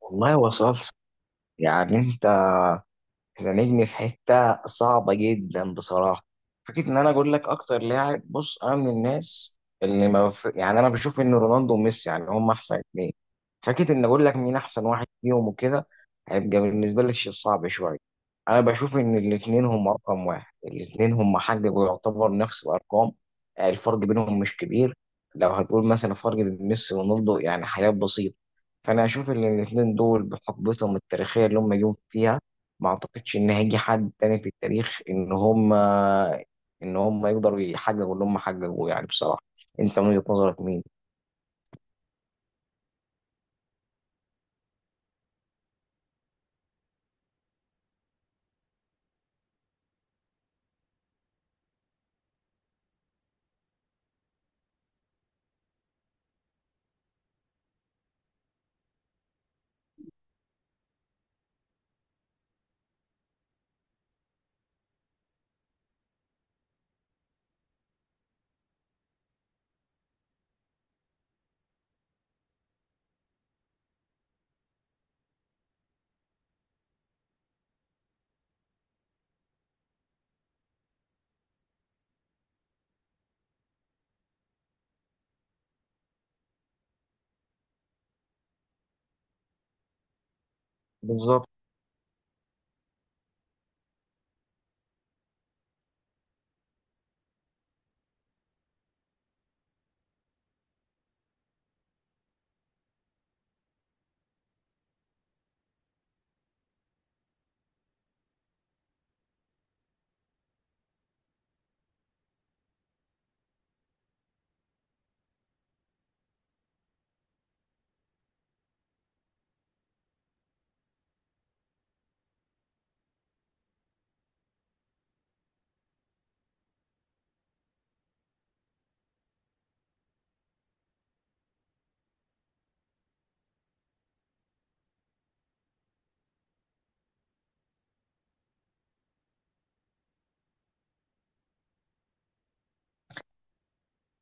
والله وصلت. يعني انت زنقني في حته صعبه جدا بصراحه. فكره ان انا اقول لك اكتر لاعب. بص، انا من الناس اللي ما بف... يعني انا بشوف ان رونالدو وميسي يعني هم احسن اتنين. فكره ان اقول لك مين احسن واحد فيهم وكده هيبقى بالنسبه لي شيء صعب شويه. انا بشوف ان الاثنين هم رقم واحد، الاثنين هم حققوا يعتبر نفس الارقام. الفرق بينهم مش كبير. لو هتقول مثلا الفرق بين ميسي ورونالدو يعني حاجات بسيطه. فانا اشوف ان الاثنين دول بحقبتهم التاريخيه اللي هم جم فيها ما اعتقدش ان هيجي حد تاني في التاريخ ان هم يقدروا يحققوا اللي هم حققوه يعني بصراحه. انت من وجهه نظرك مين؟ بالظبط.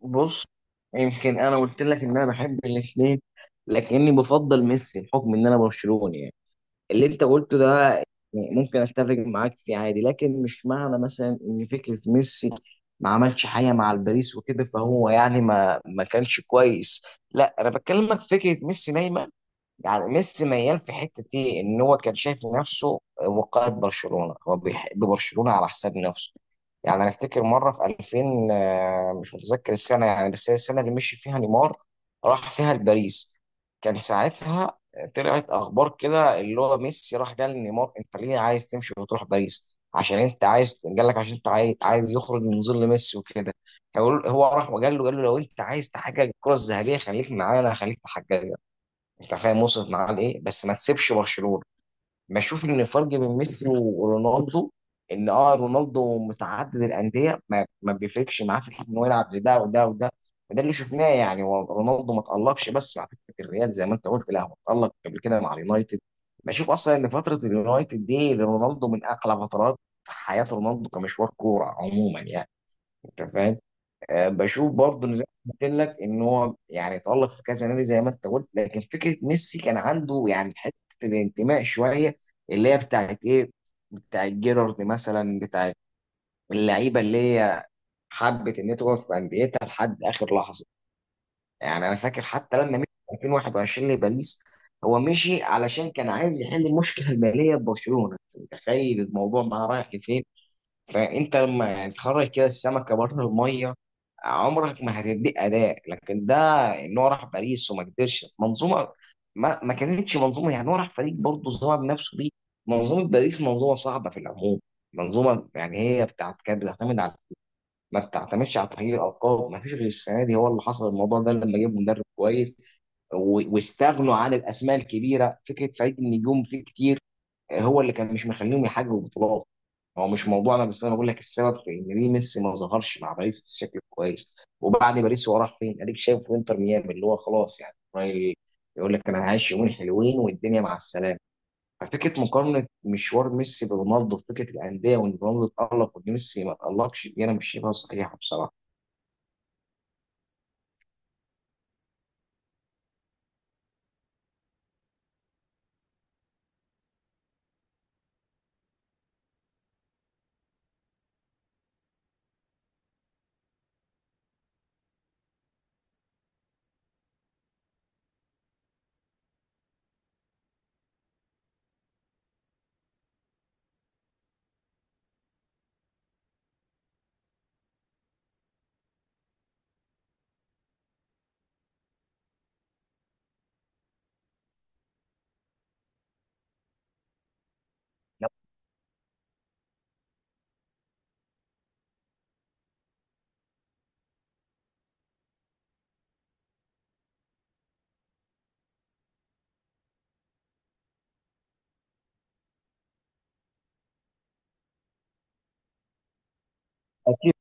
بص، يمكن انا قلت لك ان انا بحب الاثنين، لكني بفضل ميسي بحكم ان انا برشلوني يعني. اللي انت قلته ده يعني ممكن اتفق معاك فيه عادي، لكن مش معنى مثلا ان فكره ميسي ما عملش حاجه مع الباريس وكده فهو يعني ما كانش كويس. لا، انا بكلمك في فكره ميسي دايما. يعني ميسي ميال في حته ايه، ان هو كان شايف نفسه وقائد برشلونه، هو بيحب برشلونه على حساب نفسه. يعني انا افتكر مره في 2000، مش متذكر السنه يعني، بس هي السنه اللي مشي فيها نيمار، راح فيها لباريس. كان ساعتها طلعت اخبار كده اللي هو ميسي راح قال لنيمار: انت ليه عايز تمشي وتروح باريس؟ عشان انت عايز، قال لك عشان انت عايز يخرج من ظل ميسي وكده. هو راح وقال له قال له لو انت عايز تحقق الكره الذهبيه خليك معانا، خليك تحققها. انت فاهم وصلت معاه لايه؟ بس ما تسيبش برشلونه. بشوف ان الفرق بين ميسي ورونالدو ان رونالدو متعدد الانديه، ما بيفرقش معاه في حته انه يلعب لده وده وده. وده اللي شفناه. يعني هو رونالدو ما تالقش بس مع فكره الريال زي ما انت قلت، لا، هو تالق قبل كده مع اليونايتد. بشوف اصلا ان فتره اليونايتد دي لرونالدو من اقلى فترات في حياه رونالدو كمشوار كوره عموما يعني. انت فاهم؟ بشوف برضه إن زي ما قلت لك ان هو يعني اتألق في كذا نادي زي ما انت قلت، لكن فكره ميسي كان عنده يعني حته الانتماء شويه. اللي هي بتاعت ايه، بتاعت جيرارد مثلا، بتاعت اللعيبه اللي هي حبت ان هي تقعد في انديتها لحد اخر لحظه. يعني انا فاكر حتى لما مشي في 2021 لباريس. هو مشي علشان كان عايز يحل المشكله الماليه ببرشلونه. أنت متخيل الموضوع بقى رايح لفين؟ فانت لما يعني تخرج كده السمكه بره الميه عمرك ما هتديك اداء. لكن ده ان هو راح باريس وما قدرش منظومه، ما كانتش منظومه. يعني هو راح فريق برضه ظهر بنفسه بيه. منظومه باريس منظومه صعبه في العموم. منظومه يعني هي بتاعت كانت بتعتمد على، ما بتعتمدش على تغيير الالقاب. ما فيش غير السنه دي هو اللي حصل الموضوع ده، لما جاب مدرب كويس واستغنوا عن الاسماء الكبيره. فكره فريق النجوم فيه كتير هو اللي كان مش مخليهم يحققوا بطولات. هو مش موضوعنا، بس انا بقول لك السبب في ان ليه ميسي ما ظهرش مع باريس بشكل كويس. وبعد باريس هو راح فين؟ اديك شايف في انتر ميامي، اللي هو خلاص يعني رايل يقول لك انا هعيش يومين حلوين والدنيا مع السلامه. ففكره مقارنه مشوار ميسي برونالدو في فكره الانديه وان رونالدو اتالق وان ميسي ما اتالقش دي انا مش شايفها صحيحه بصراحه. لما جيت-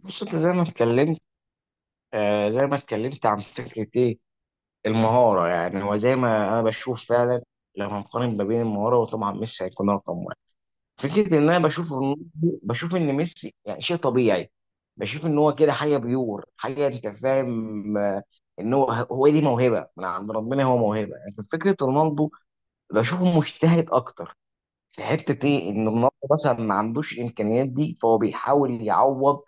بص، انت زي ما اتكلمت، زي ما اتكلمت عن فكره ايه المهارة. يعني هو زي ما أنا بشوف فعلا لما نقارن ما بين المهارة وطبعا ميسي هيكون رقم واحد. فكرة إن أنا بشوف بشوف إن ميسي يعني شيء طبيعي. بشوف إن هو كده حاجة بيور، حاجة أنت فاهم، إن هو دي موهبة من عند ربنا، هو موهبة. لكن فكرة رونالدو بشوفه مجتهد أكتر في حتة إيه، إن رونالدو مثلا ما عندوش الإمكانيات دي فهو بيحاول يعوض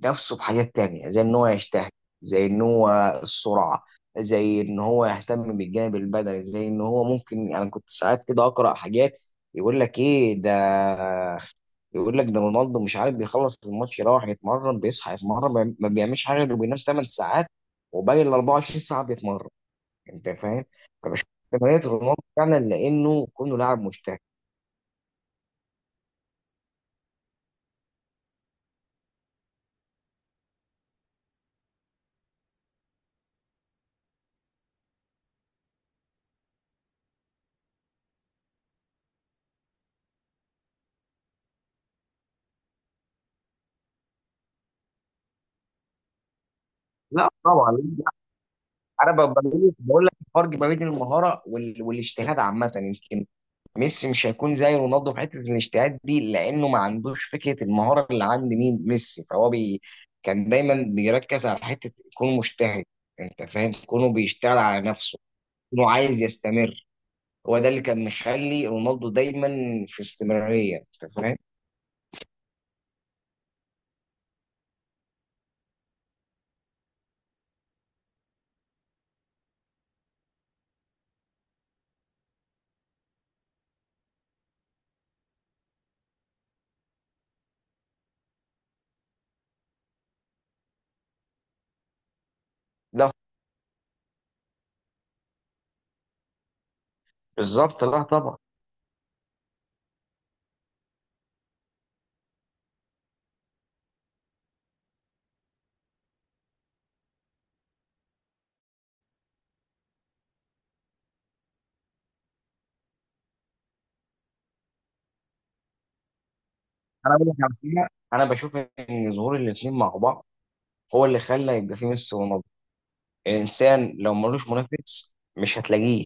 نفسه بحاجات تانية، زي ان هو يجتهد، زي ان هو السرعة، زي ان هو يهتم بالجانب البدني. زي ان هو ممكن انا يعني كنت ساعات كده اقرا حاجات يقول لك ايه ده، يقول لك ده رونالدو مش عارف بيخلص الماتش يروح يتمرن بيصحى يتمرن ما بيعملش حاجه غير بينام 8 ساعات وباقي ال 24 ساعه بيتمرن. انت فاهم؟ فبشوف تمرينات رونالدو فعلا لانه كونه لاعب مجتهد. لا طبعا. انا بقول لك الفرق ما بين المهاره والاجتهاد عامه، يمكن ميسي مش هيكون زي رونالدو في حته الاجتهاد دي لانه ما عندوش فكره المهاره اللي عند مين ميسي، فهو بي كان دايما بيركز على حته يكون مجتهد. انت فاهم كونه بيشتغل على نفسه، كونه عايز يستمر. هو ده اللي كان مخلي رونالدو دايما في استمراريه. انت فاهم؟ لا، بالظبط، لا طبعا. انا بقول لك على حاجة، انا بشوف ان ظهور الاثنين مع بعض هو اللي خلى يبقى فيه ميسي ورونالدو. الانسان لو ملوش منافس مش هتلاقيه.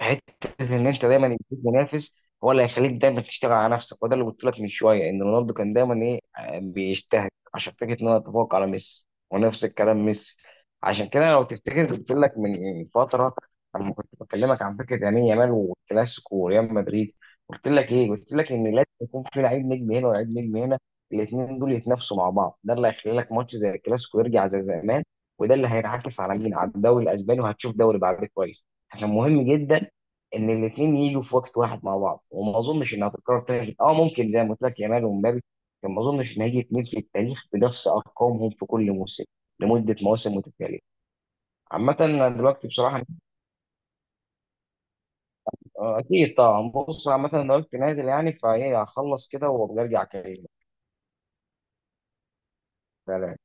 حته ان انت دايما يكون منافس هو اللي هيخليك دايما تشتغل على نفسك. وده اللي قلت لك من شويه ان رونالدو كان دايما ايه، بيجتهد عشان فكره ان هو يتفوق على ميسي، ونفس الكلام ميسي. عشان كده لو تفتكر قلت لك من فتره لما كنت بكلمك عن فكره يمين يامال والكلاسيكو وريال مدريد، قلت لك ايه؟ قلت لك ان لازم يكون في لعيب نجم هنا ولعيب نجم هنا. الاثنين دول يتنافسوا مع بعض ده اللي هيخلي لك ماتش زي الكلاسيكو يرجع زي زمان. وده اللي هينعكس على مين؟ على الدوري الاسباني، وهتشوف دوري بعد كويس. عشان مهم جدا ان الاثنين يجوا في وقت واحد مع بعض. وما اظنش انها هتتكرر تاني، ممكن زي ما قلت لك يامال ومبابي، لكن ما اظنش ان هيجي اثنين في التاريخ بنفس ارقامهم في كل موسم لمده مواسم متتاليه. عامة أنا دلوقتي بصراحة، آه، أكيد طبعا. بص، عامة أنا دلوقتي نازل يعني، فإيه هخلص كده وبرجع أكلمك. سلام.